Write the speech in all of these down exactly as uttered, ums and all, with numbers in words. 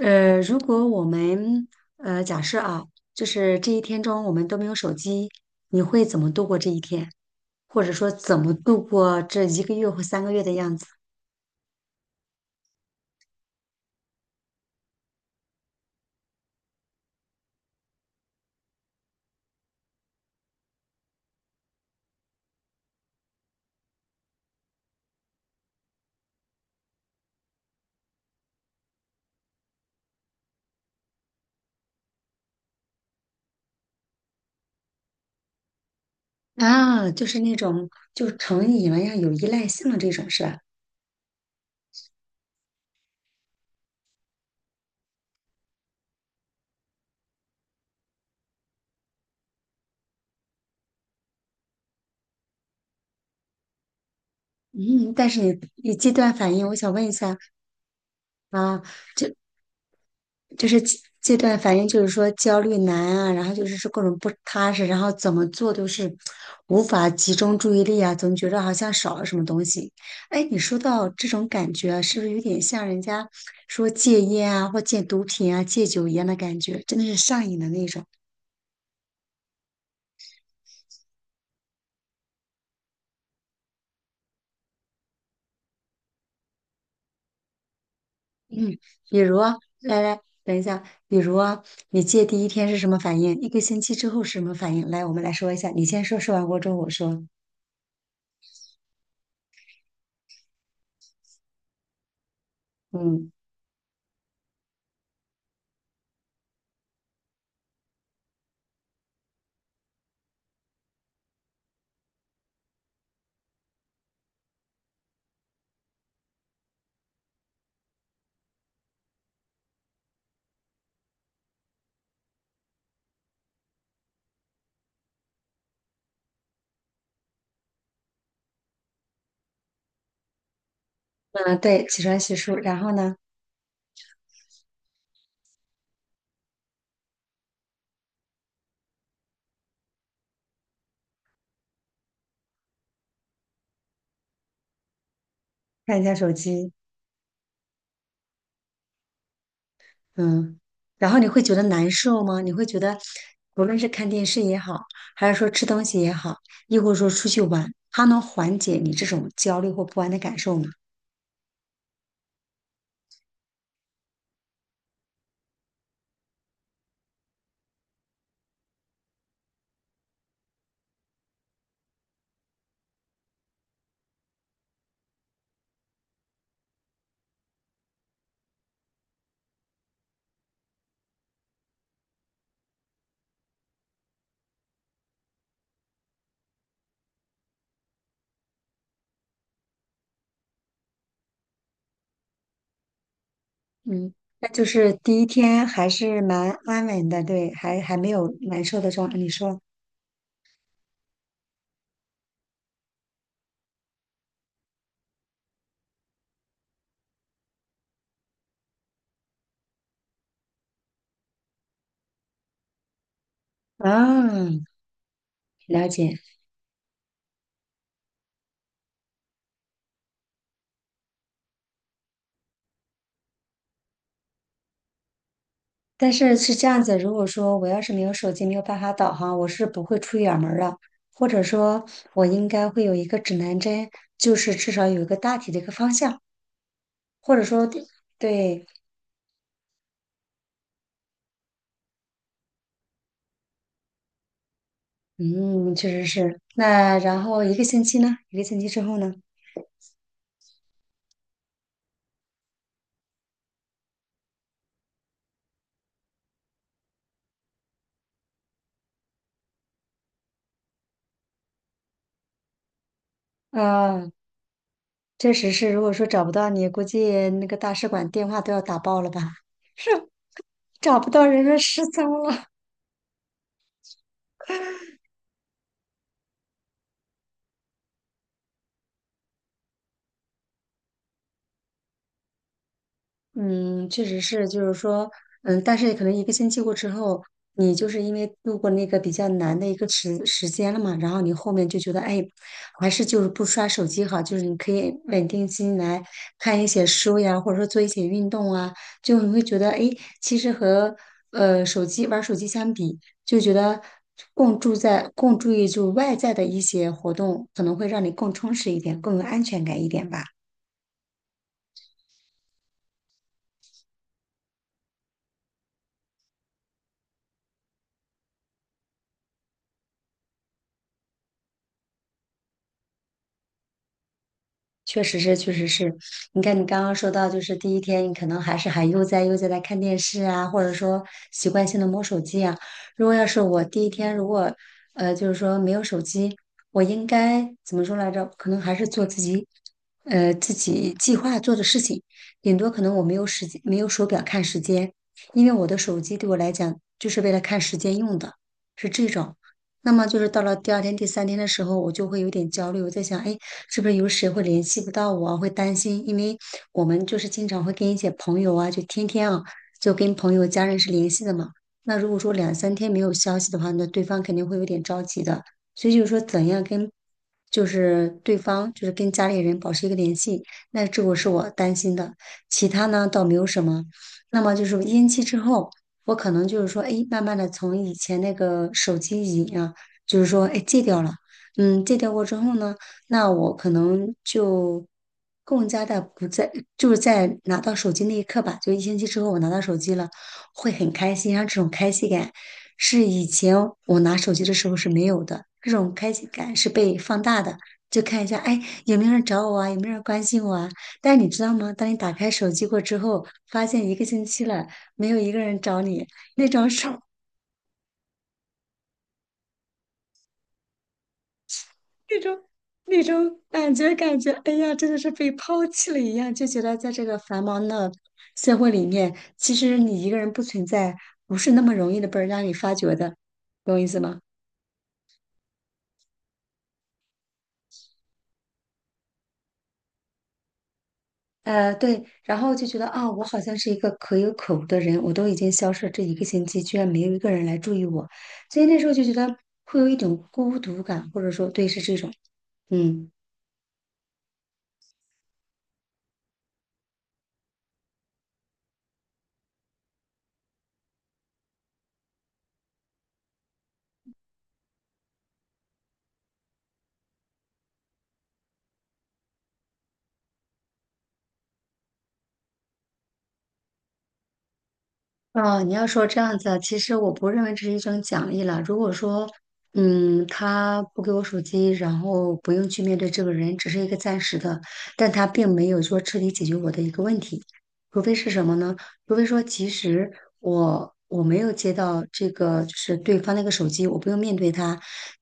呃，如果我们呃假设啊，就是这一天中我们都没有手机，你会怎么度过这一天？或者说怎么度过这一个月或三个月的样子？啊，就是那种就成瘾了呀，有依赖性的这种是吧？嗯，但是你你戒断反应，我想问一下啊，就是这这段，反应就是说焦虑难啊，然后就是说各种不踏实，然后怎么做都是无法集中注意力啊，总觉得好像少了什么东西。哎，你说到这种感觉啊是不是有点像人家说戒烟啊，或戒毒品啊、戒酒一样的感觉？真的是上瘾的那种。嗯，比如啊，来来，等一下，比如啊，你戒第一天是什么反应？一个星期之后是什么反应？来，我们来说一下，你先说，说完过之后我说。嗯嗯，呃对，起床洗漱，然后呢？看一下手机，嗯，然后你会觉得难受吗？你会觉得，无论是看电视也好，还是说吃东西也好，亦或者说出去玩，它能缓解你这种焦虑或不安的感受吗？嗯，那就是第一天还是蛮安稳的，对，还还没有难受的状态。你说，嗯，了解。但是是这样子，如果说我要是没有手机，没有办法导航，我是不会出远门儿的。或者说，我应该会有一个指南针，就是至少有一个大体的一个方向。或者说对对嗯，确实是。那然后一个星期呢？一个星期之后呢？啊，确实是。如果说找不到你，估计那个大使馆电话都要打爆了吧？是找不到人了，失踪了。嗯，确实是，就是说，嗯，但是可能一个星期过之后，你就是因为度过那个比较难的一个时时间了嘛，然后你后面就觉得，哎，还是就是不刷手机好，就是你可以稳定心来看一些书呀，或者说做一些运动啊，就你会觉得，哎，其实和呃手机玩手机相比，就觉得更注在更注意就外在的一些活动，可能会让你更充实一点，更有安全感一点吧。确实是，确实是。你看，你刚刚说到，就是第一天，你可能还是还悠哉悠哉在看电视啊，或者说习惯性的摸手机啊。如果要是我第一天，如果呃，就是说没有手机，我应该怎么说来着？可能还是做自己呃自己计划做的事情，顶多可能我没有时间，没有手表看时间，因为我的手机对我来讲就是为了看时间用的，是这种。那么就是到了第二天、第三天的时候，我就会有点焦虑。我在想，哎，是不是有谁会联系不到我啊会担心，因为我们就是经常会跟一些朋友啊，就天天啊，就跟朋友、家人是联系的嘛。那如果说两三天没有消息的话，那对方肯定会有点着急的。所以就是说，怎样跟就是对方，就是跟家里人保持一个联系，那这个是我担心的。其他呢，倒没有什么。那么就是烟期之后，我可能就是说，哎，慢慢的从以前那个手机瘾啊。就是说，哎，戒掉了，嗯，戒掉过之后呢，那我可能就更加的不在，就是在拿到手机那一刻吧，就一星期之后我拿到手机了，会很开心，然后这种开心感是以前我拿手机的时候是没有的，这种开心感是被放大的。就看一下，哎，有没有人找我啊？有没有人关心我啊？但是你知道吗？当你打开手机过之后，发现一个星期了，没有一个人找你，那种手那种那种感觉，感觉，哎呀，真的是被抛弃了一样，就觉得在这个繁忙的社会里面，其实你一个人不存在，不是那么容易的被人家你发掘的，懂我意思吗？呃，对，然后就觉得啊，我好像是一个可有可无的人，我都已经消失了这一个星期，居然没有一个人来注意我，所以那时候就觉得会有一种孤独感，或者说，对，是这种，嗯。哦，你要说这样子啊其实我不认为这是一种奖励了。如果说，嗯，他不给我手机，然后不用去面对这个人，只是一个暂时的，但他并没有说彻底解决我的一个问题。除非是什么呢？除非说，其实我我没有接到这个，就是对方那个手机，我不用面对他，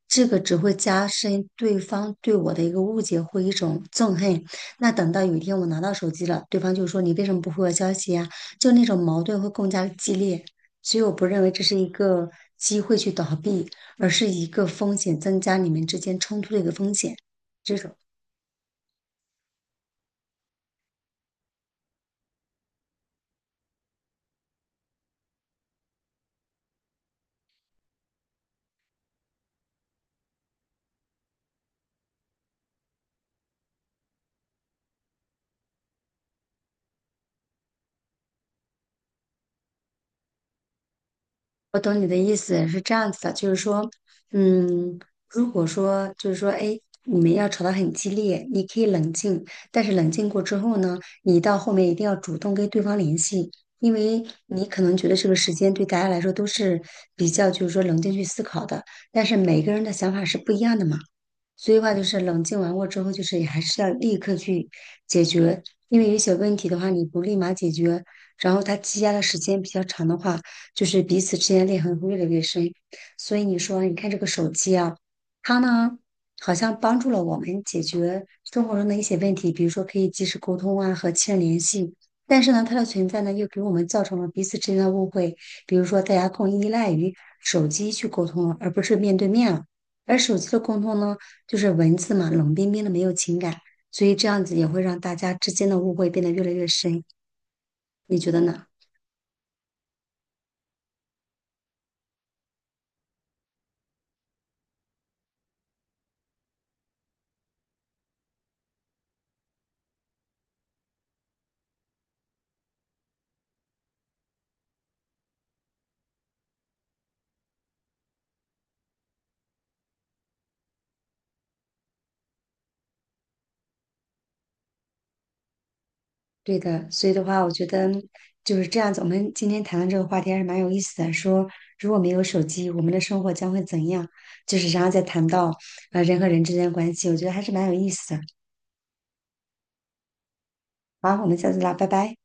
这个只会加深对方对我的一个误解或一种憎恨。那等到有一天我拿到手机了，对方就说你为什么不回我消息呀？就那种矛盾会更加的激烈，所以我不认为这是一个机会去倒闭，而是一个风险增加，你们之间冲突的一个风险。这种我懂你的意思是这样子的，就是说，嗯，如果说就是说，哎，你们要吵得很激烈，你可以冷静，但是冷静过之后呢，你到后面一定要主动跟对方联系。因为你可能觉得这个时间对大家来说都是比较，就是说冷静去思考的，但是每个人的想法是不一样的嘛。所以话就是冷静完过之后，就是也还是要立刻去解决，因为有一些问题的话，你不立马解决，然后它积压的时间比较长的话，就是彼此之间的裂痕会越来越深。所以你说，你看这个手机啊，它呢好像帮助了我们解决生活中的一些问题，比如说可以及时沟通啊，和亲人联系。但是呢，它的存在呢，又给我们造成了彼此之间的误会，比如说大家更依赖于手机去沟通了，而不是面对面了。而手机的沟通呢？就是文字嘛，冷冰冰的，没有情感，所以这样子也会让大家之间的误会变得越来越深，你觉得呢？对的，所以的话，我觉得就是这样子。我们今天谈论这个话题还是蛮有意思的，说如果没有手机，我们的生活将会怎样？就是然后再谈到呃人和人之间的关系，我觉得还是蛮有意思的。好，我们下次聊，拜拜。